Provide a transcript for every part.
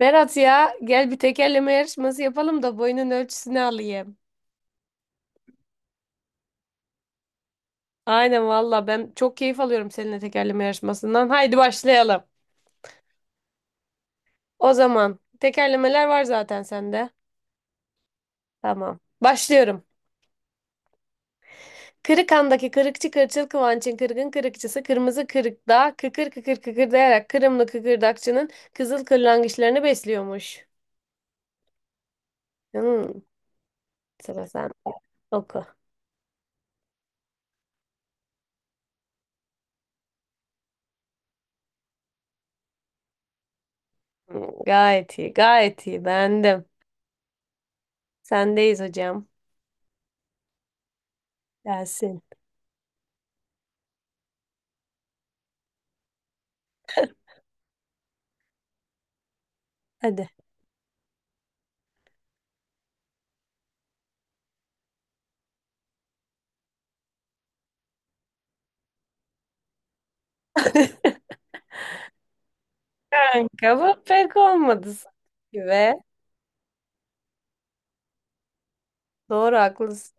Berat, ya gel bir tekerleme yarışması yapalım da boyunun ölçüsünü alayım. Aynen valla, ben çok keyif alıyorum seninle tekerleme yarışmasından. Haydi başlayalım. O zaman tekerlemeler var zaten sende. Tamam. Başlıyorum. Kırıkhan'daki kırıkçı kırçıl Kıvanç'ın kırgın kırıkçısı kırmızı kırıkta kıkır kıkır kıkırdayarak Kırımlı kıkırdakçının kızıl kırlangıçlarını besliyormuş. Hmm, sıra sen oku. Hmm, gayet iyi, gayet iyi, beğendim. Sendeyiz hocam. Gelsin. Hadi. Kanka, bu pek olmadı sanki doğru, haklısın.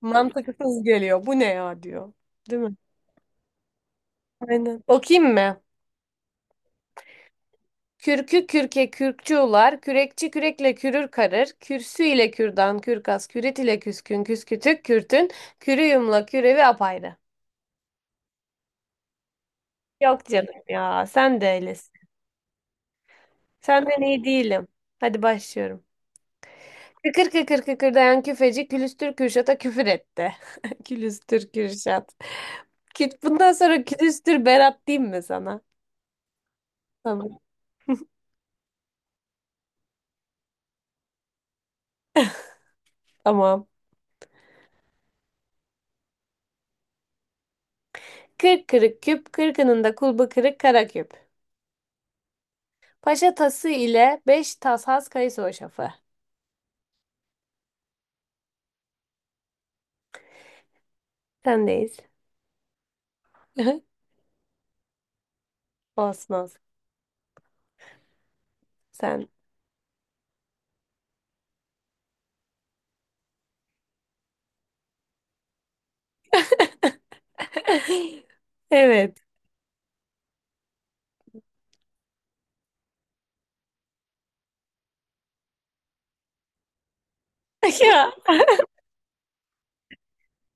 Mantıksız geliyor. Bu ne ya, diyor. Değil mi? Aynen. Okuyayım mı? Kürkü kürke kürkçü ular, kürekçi kürekle kürür karır, kürsü ile kürdan, kürkas, kürit ile küskün, küskütük, kürtün, kürüyümla kürevi apayrı. Yok canım ya, sen de öylesin. Senden iyi değilim. Hadi başlıyorum. Kıkır kıkır kıkırdayan küfeci külüstür Kürşat'a küfür etti. Külüstür Kürşat. Küt- bundan sonra külüstür Berat diyeyim mi sana? Tamam. Tamam. Kırk kırık küp, kırkının da kulbu kırık kara küp. Paşa tası ile beş tas has kayısı hoşafı. Sendeyiz. Olsun olsun. Sen. Evet. Ya.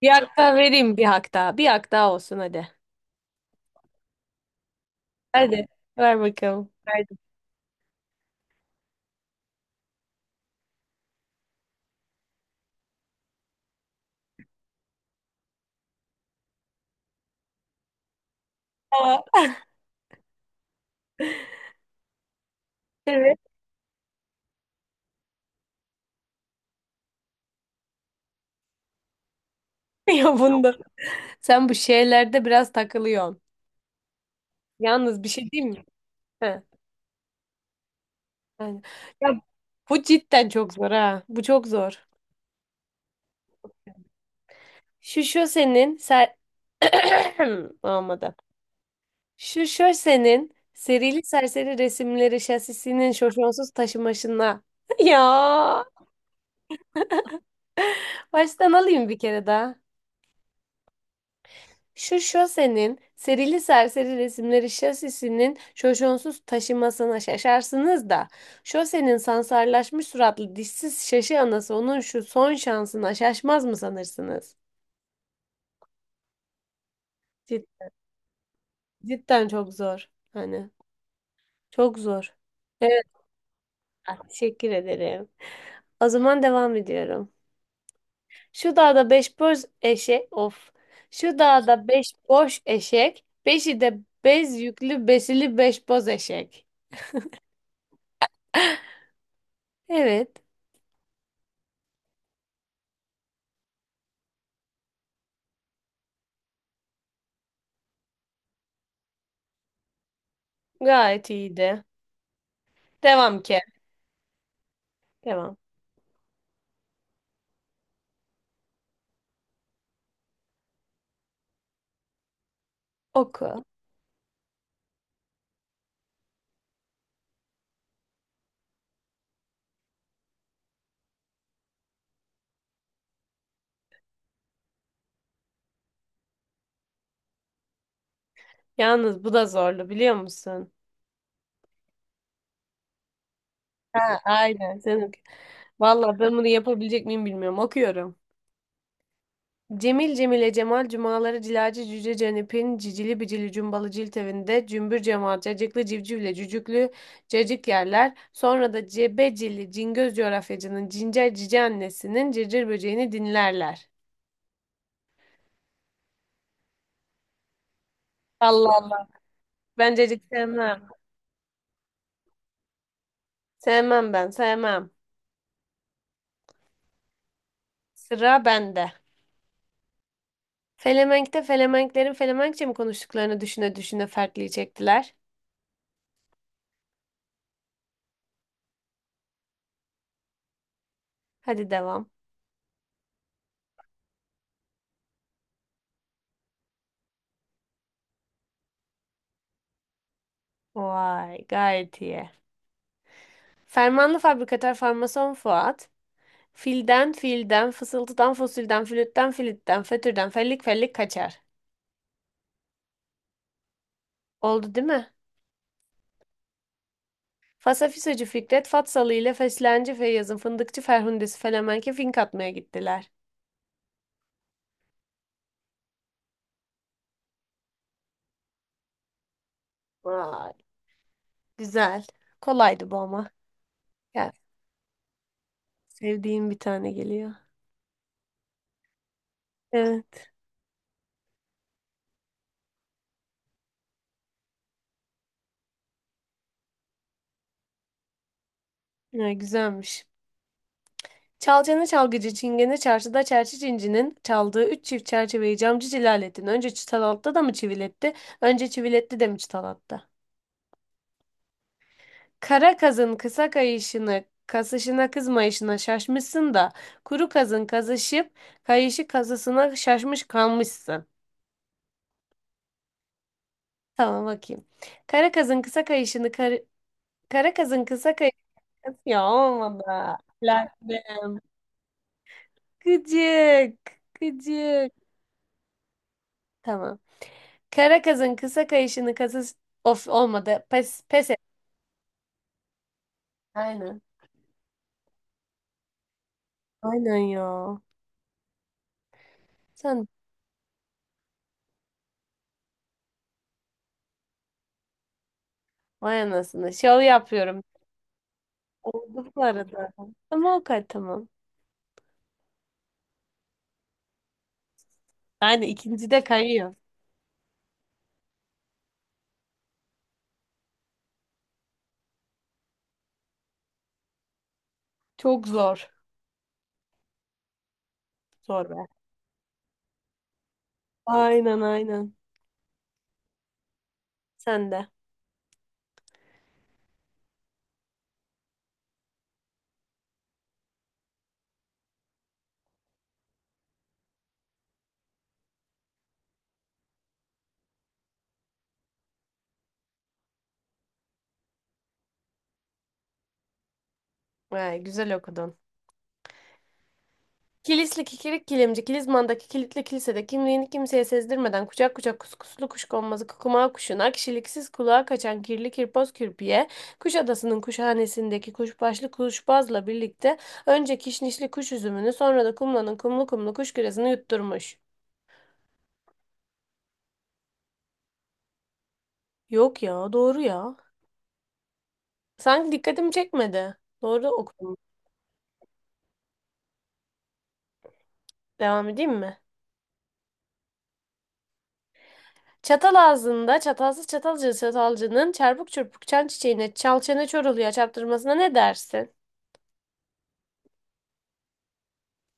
Bir hak daha vereyim, bir hak daha. Bir hak daha olsun, hadi. Hadi. Ver bakalım. Verdim. Aa, evet. Ya bunda. Sen bu şeylerde biraz takılıyorsun. Yalnız bir şey diyeyim mi? Heh. Yani. Ya bu cidden çok zor ha. Bu çok zor. Şu senin ser... olmadı. Şu senin serili serseri resimleri şasisinin şoşonsuz taşımaşına. Ya, baştan alayım bir kere daha. Şu senin serili serseri resimleri şasisinin şoşonsuz taşımasına şaşarsınız da. Şosenin sansarlaşmış suratlı dişsiz şaşı anası onun şu son şansına şaşmaz mı sanırsınız? Cidden çok zor. Hani çok zor. Evet, teşekkür ederim. O zaman devam ediyorum. Şu dağda beş boş eşek, of. Şu dağda beş boş eşek, beşi de bez yüklü besili beş boz eşek. Evet, gayet iyiydi. Devam ki. Devam. Oku. Yalnız bu da zorlu, biliyor musun? Ha, aynen. Sen oku. Vallahi ben bunu yapabilecek miyim bilmiyorum. Okuyorum. Cemil Cemile Cemal cumaları cilacı cüce cenipin cicili bicili cumbalı cilt evinde cümbür cemal cacıklı civcivle cücüklü cacık yerler. Sonra da cebecili cingöz coğrafyacının cincer cici annesinin cırcır böceğini dinlerler. Allah Allah. Ben cacık sevmem. Sevmem, ben sevmem. Sıra bende. Felemenk'te Felemenklerin Felemenkçe mi konuştuklarını düşüne düşüne fertliği çektiler. Hadi devam. Vay, gayet iyi. Fermanlı fabrikatör farmason Fuat. Filden, fısıltıdan fosilden, flütten, fötürden, fellik fellik kaçar. Oldu, değil mi? Fasafisocu Fikret Fatsalı ile Feslenci Feyyaz'ın fındıkçı Ferhundesi Felemenke fink atmaya gittiler. Vay, güzel. Kolaydı bu ama. Ya, sevdiğim bir tane geliyor. Evet, ya, güzelmiş. Çalcanı çalgıcı çingene çarşıda çerçi cincinin çaldığı 3 çift çerçeveyi camcı Cilalettin önce çıtalattı da mı çiviletti, önce çiviletti de mi çıtalattı? Kara kazın kısa kayışını, kasışına kızmayışına şaşmışsın da, kuru kazın kazışıp kayışı kazısına şaşmış kalmışsın. Tamam, bakayım. Kara kazın kısa kayışını, kar- kara kazın kısa kayışını, ya olmadı. Lan be. Gıcık, gıcık. Tamam. Kara kazın kısa kayışını kasış, of olmadı. Pes, pes et. Aynen. Aynen ya. Sen vay anasını. Şov yapıyorum. Oldu bu arada. Ama o kadar, tamam. Yani ikinci de kayıyor. Çok zor. Zor be. Aynen, aynen. Sen de. Vay, güzel okudun. Kilisli kikirik kilimci, Kilizman'daki kilitli kilisede kimliğini kimseye sezdirmeden kucak kucak kuskuslu kuşkonmazı kukumağı kuşuna, kişiliksiz kulağa kaçan kirli kirpoz kürpiye, Kuşadası'nın kuşhanesindeki kuşbaşlı kuşbazla birlikte önce kişnişli kuş üzümünü, sonra da kumlanın kumlu kumlu kuş küresini yutturmuş. Yok ya, doğru ya. Sanki dikkatimi çekmedi. Doğru okudum. Devam edeyim mi? Çatal ağzında çatalsız çatalcı çatalcının çarpık çırpık çan çiçeğine çal çene çor oluyor çarptırmasına ne dersin?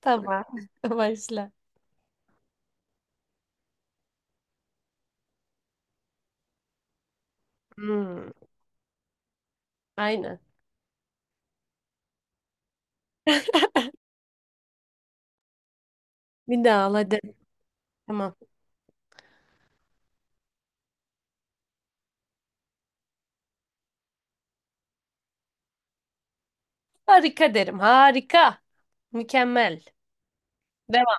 Tamam. Başla. Hmm, aynen. Bir daha al, hadi. Tamam. Harika derim. Harika. Mükemmel. Devam.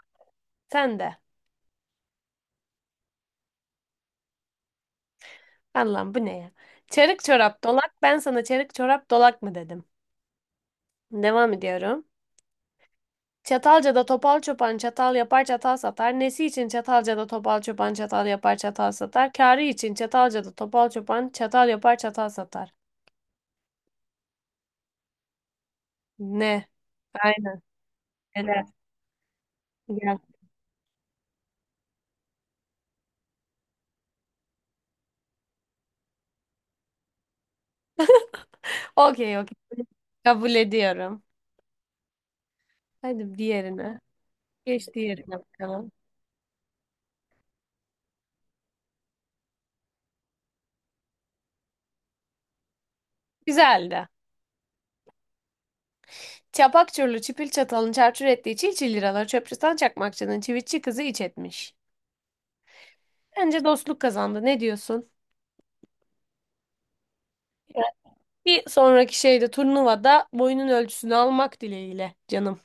Sen de. Allah'ım, bu ne ya? Çarık çorap dolak. Ben sana çarık çorap dolak mı dedim? Devam ediyorum. Çatalca'da topal çoban çatal yapar, çatal satar. Nesi için Çatalca'da topal çoban çatal yapar, çatal satar. Kârı için Çatalca'da topal çoban çatal yapar, çatal satar. Ne? Aynen. Helal. Gel. Okey okey. Kabul ediyorum. Hadi diğerine. Geç diğerine bakalım. Güzeldi. Çapak çurlu çipil çatalın çarçur ettiği çil çil liralar çöpçüden çakmakçının çivitçi kızı iç etmiş. Bence dostluk kazandı. Ne diyorsun? Evet. Bir sonraki şeyde, turnuvada, boyunun ölçüsünü almak dileğiyle canım.